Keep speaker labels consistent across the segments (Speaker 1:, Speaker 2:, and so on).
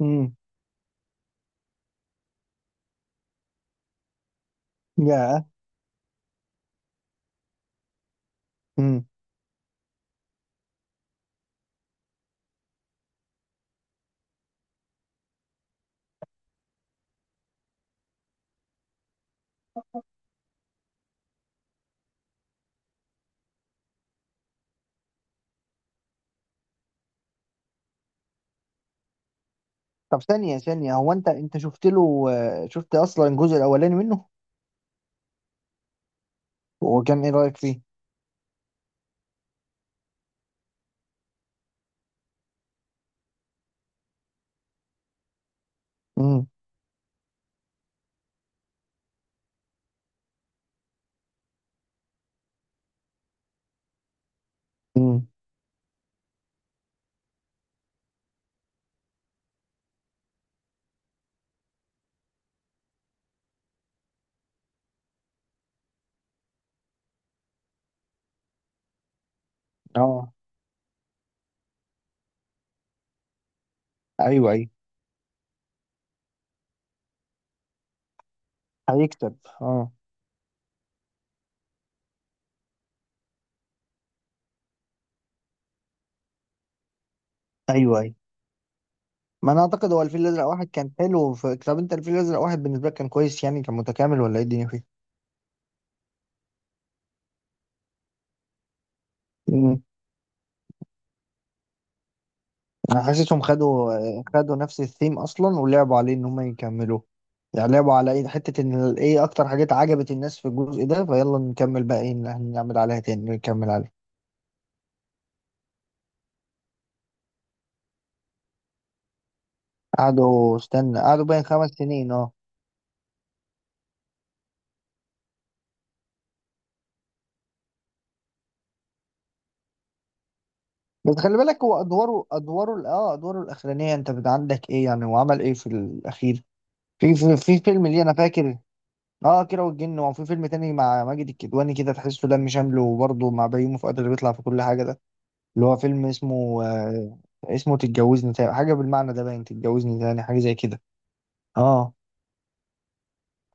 Speaker 1: امم يا امم طب ثانية ثانية، هو انت شفت له، شفت اصلا الجزء الاولاني منه. وكان ايه رأيك فيه؟ امم امم اه، ايوه، ايوه، هيكسب. اه، ايوه، ايوه. ما انا اعتقد هو الفيل الازرق واحد كان حلو، طب انت الفيل الازرق واحد بالنسبة لك كان كويس، يعني كان متكامل، ولا ايه الدنيا فيه؟ امم انا حاسسهم خدوا نفس الثيم اصلا، ولعبوا عليه ان هم يكملوه. يعني لعبوا على ايه، حتة ان ايه اكتر حاجات عجبت الناس في الجزء ده، فيلا نكمل بقى، ايه اللي هنعمل عليها تاني نكمل عليها. قعدوا، استنى، قعدوا بين 5 سنين، اه. بس خلي بالك، هو ادواره ادواره ال- اه ادواره الاخرانيه، انت عندك ايه؟ يعني هو عمل ايه في الاخير؟ في فيلم، ليه؟ انا فاكر. اه، كيرة والجن، وفي فيلم تاني مع ماجد الكدواني، كده تحسه دم شامله، وبرضه مع بيومي فؤاد اللي بيطلع في كل حاجه ده. اللي هو فيلم اسمه تتجوزني تاني، حاجه بالمعنى ده باين، تتجوزني تاني، حاجه زي كده. اه،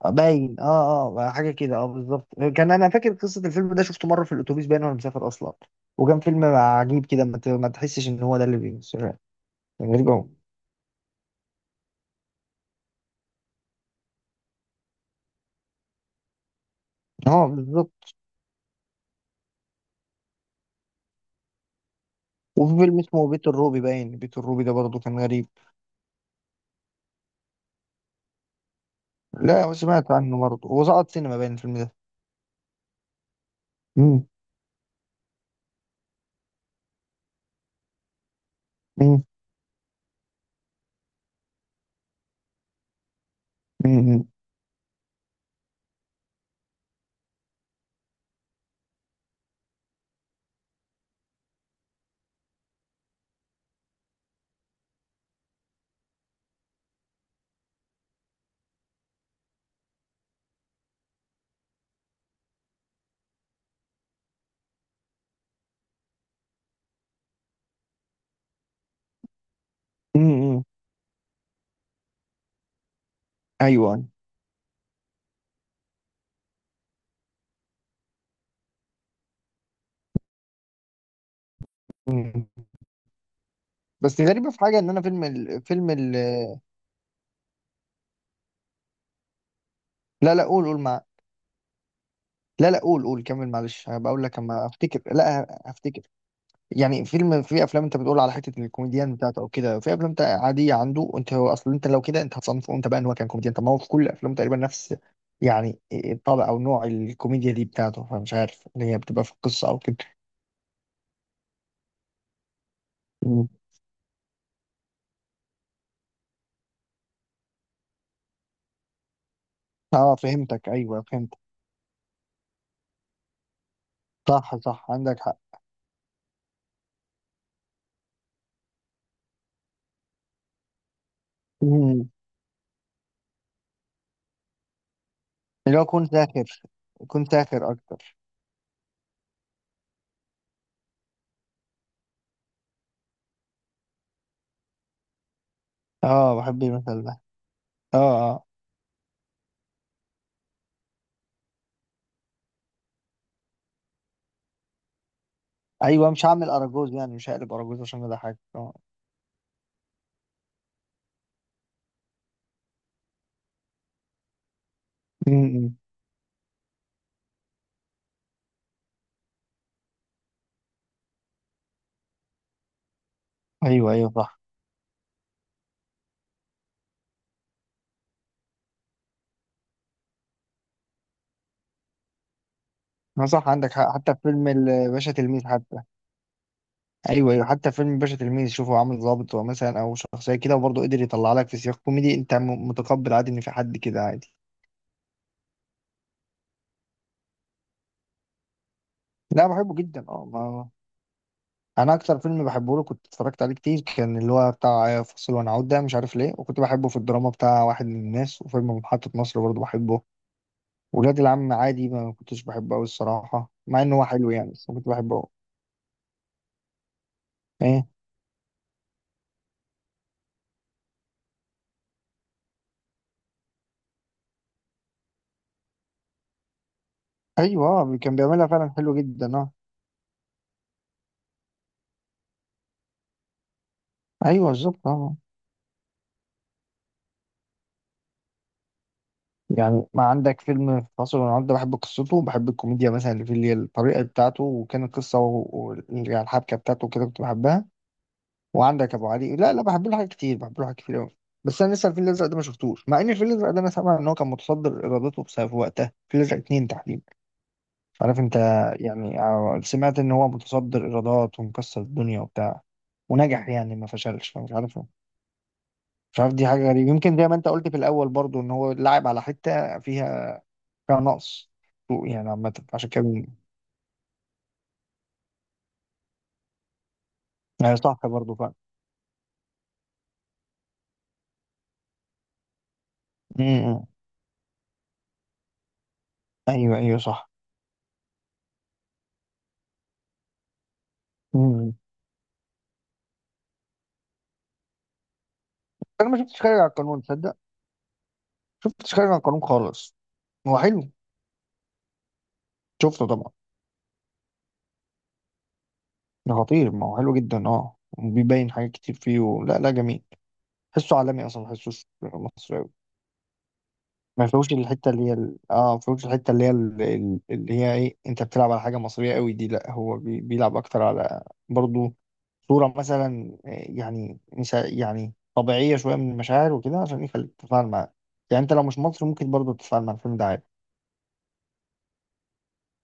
Speaker 1: باين، اه، اه، حاجه كده، اه، بالظبط. كان انا فاكر قصه الفيلم ده، شفته مره في الاتوبيس باين، وانا مسافر اصلا. وكان فيلم عجيب كده، ما تحسش ان هو ده اللي بيمثل. كان غريب قوي، اه بالظبط. وفي فيلم اسمه بيت الروبي، باين بيت الروبي ده برضه كان غريب. لا، سمعت عنه برضه، هو سقط سينما باين الفيلم ده. امم امم امم امم ايوه. مم. بس غريبه في حاجه، ان انا لا، لا، قول، قول مع. لا، لا، قول، قول، كمل، معلش هبقى اقول لك اما افتكر، لا هفتكر. يعني في افلام انت بتقول على حته الكوميديان بتاعته او كده، في افلام انت عاديه عنده، انت هو اصلا، انت لو كده انت هتصنفه انت بقى ان هو كان كوميديان. طب ما هو في كل افلامه تقريبا نفس يعني الطابع، او نوع الكوميديا دي بتاعته، فمش عارف اللي هي بتبقى في القصه او كده. مم. اه، فهمتك، ايوه فهمت. صح، صح، عندك حق. مم. اللي هو كنت ساخر، كنت ساخر اكتر. اه، بحب المثل ده، اه، اه. ايوه، مش هعمل اراجوز، يعني مش هقلب اراجوز، عشان ده حاجه، اه. مم. ايوه، ايوه، صح. ما صح، عندك حق، حتى في فيلم الباشا تلميذ حتى. ايوه، ايوه، حتى فيلم باشا تلميذ، شوفه عامل ظابط هو مثلا، او شخصيه كده، وبرضه قدر يطلع لك في سياق كوميدي انت متقبل عادي ان في حد كده عادي. لا، بحبه جدا، اه. ما انا اكتر فيلم بحبه له كنت اتفرجت عليه كتير، كان اللي هو بتاع فاصل ونعود ده، مش عارف ليه. وكنت بحبه في الدراما بتاع واحد من الناس، وفيلم محطة مصر برضه بحبه. ولاد العم عادي، ما كنتش بحبه قوي الصراحه، مع ان هو حلو يعني، بس كنت بحبه أوي. ايه، ايوه، كان بيعملها فعلا حلو جدا، اه. ايوه، بالظبط، اه. يعني ما عندك فيلم فاصل ونعود ده، بحب قصته وبحب الكوميديا مثلا اللي فيه، اللي هي الطريقة بتاعته، وكان القصة يعني الحبكة بتاعته كده كنت بحبها. وعندك أبو علي، لا، لا، بحب له حاجات كتير، بحب له حاجات كتير أوي. بس أنا لسه الفيل الأزرق ده ما شفتوش، مع إن الفيل الأزرق ده أنا سامع إن هو كان متصدر إيراداته بسبب وقتها، الفيل الأزرق اتنين تحديدا. مش عارف أنت. يعني سمعت إن هو متصدر إيرادات ومكسر الدنيا وبتاع. ونجح يعني، ما فشلش، فمش عارف. مش عارف، دي حاجة غريبة، يمكن زي ما أنت قلت في الأول برضو، إن هو لعب على حتة فيها نقص. سوق يعني عامة عشان كده. يعني صح برضه فعلا. امم ايوه، ايوه، صح. امم انا ما شفتش خارج على القانون، تصدق؟ شفتش خارج على القانون خالص. هو حلو. شفته طبعا. ده خطير، ما هو حلو جدا اه، وبيبين حاجات كتير فيه لا، لا، جميل. حسه عالمي اصلا، ما حسوش مصري أوي. ما فيهوش الحته اللي هي ال... اه ما فيهوش الحته اللي هي ال- اللي هي ايه، انت بتلعب على حاجه مصريه قوي دي، لا هو بيلعب اكتر على برضو. صوره مثلا، يعني مش ه- يعني طبيعيه شويه من المشاعر وكده، عشان يخليك تتفاعل معاه. يعني انت لو مش مصري ممكن برضو تتفاعل مع الفيلم ده عادي.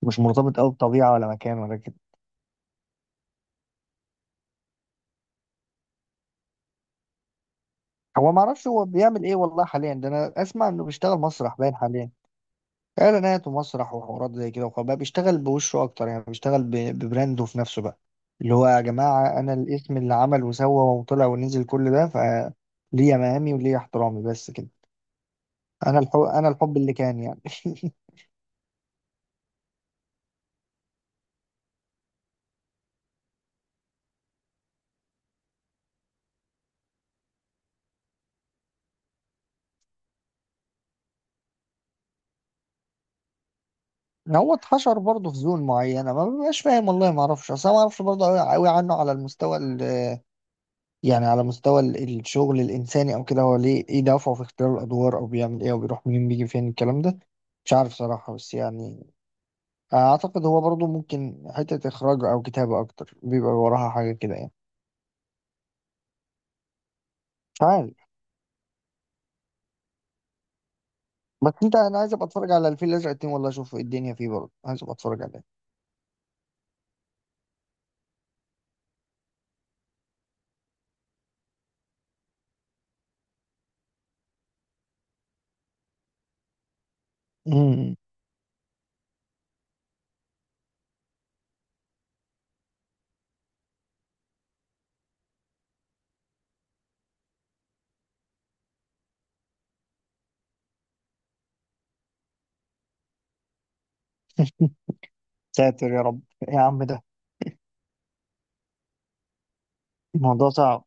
Speaker 1: مش مرتبط قوي بطبيعه ولا مكان ولا كده. هو ما اعرفش هو بيعمل ايه والله حاليا ده، انا اسمع انه بيشتغل مسرح باين حاليا. اعلانات ومسرح وحوارات زي كده، وخلاص بقى بيشتغل بوشه اكتر، يعني بيشتغل ببرانده في نفسه بقى. اللي هو يا جماعه، انا الاسم اللي عمل وسوى وطلع ونزل، كل ده فليه مقامي وليه احترامي بس كده. انا الحب اللي كان يعني. هو اتحشر برضه في زون معينه، ما ببقاش فاهم والله، ما اعرفش اصل، أنا ما اعرفش برضه قوي قوي عنه على المستوى يعني على مستوى الشغل الانساني او كده، هو ليه ايه دافعه في اختيار الادوار، او بيعمل ايه، او بيروح منين بيجي فين الكلام ده. مش عارف صراحه، بس يعني اعتقد هو برضو ممكن حتة اخراج او كتابة اكتر بيبقى وراها حاجة كده يعني. مش عارف. بس انت، انا عايز ابقى اتفرج على الفيل الازرق اتنين والله، اشوف إيه الدنيا فيه، برضه عايز ابقى اتفرج عليه. أمم. ساتر يا رب. يا عم ده الموضوع صعب.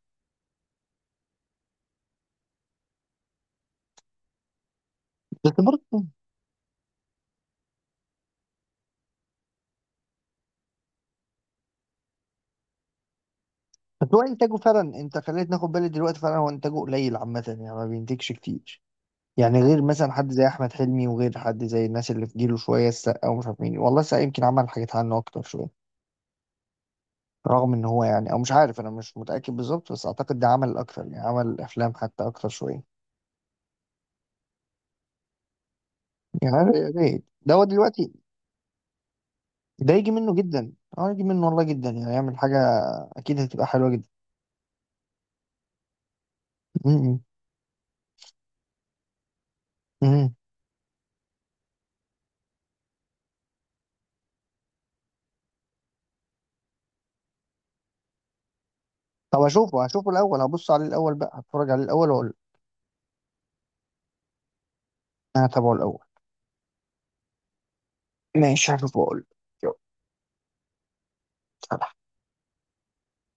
Speaker 1: بس برضه، بس هو انتاجه فعلا، انت خليت ناخد بالي دلوقتي فعلا هو انتاجه قليل عامة، يعني ما بينتجش كتير. يعني غير مثلا حد زي احمد حلمي، وغير حد زي الناس اللي في جيله شوية، السقا ومش عارف مين والله، السقا يمكن عمل حاجات عنه اكتر شوية. رغم ان هو يعني، او مش عارف، انا مش متاكد بالظبط، بس اعتقد ده عمل اكتر، يعني عمل افلام حتى اكتر شويه. يعني يا ريت ده هو دلوقتي. ده يجي منه جدا. اه، يجي منه والله جدا، يعني يعمل حاجه اكيد هتبقى حلوه جدا. م- م- م. طب هشوفه الاول، هبص عليه الاول بقى، هتفرج عليه الاول واقول. انا هتابعه الاول. ماشي، هشوفه واقول. يلا.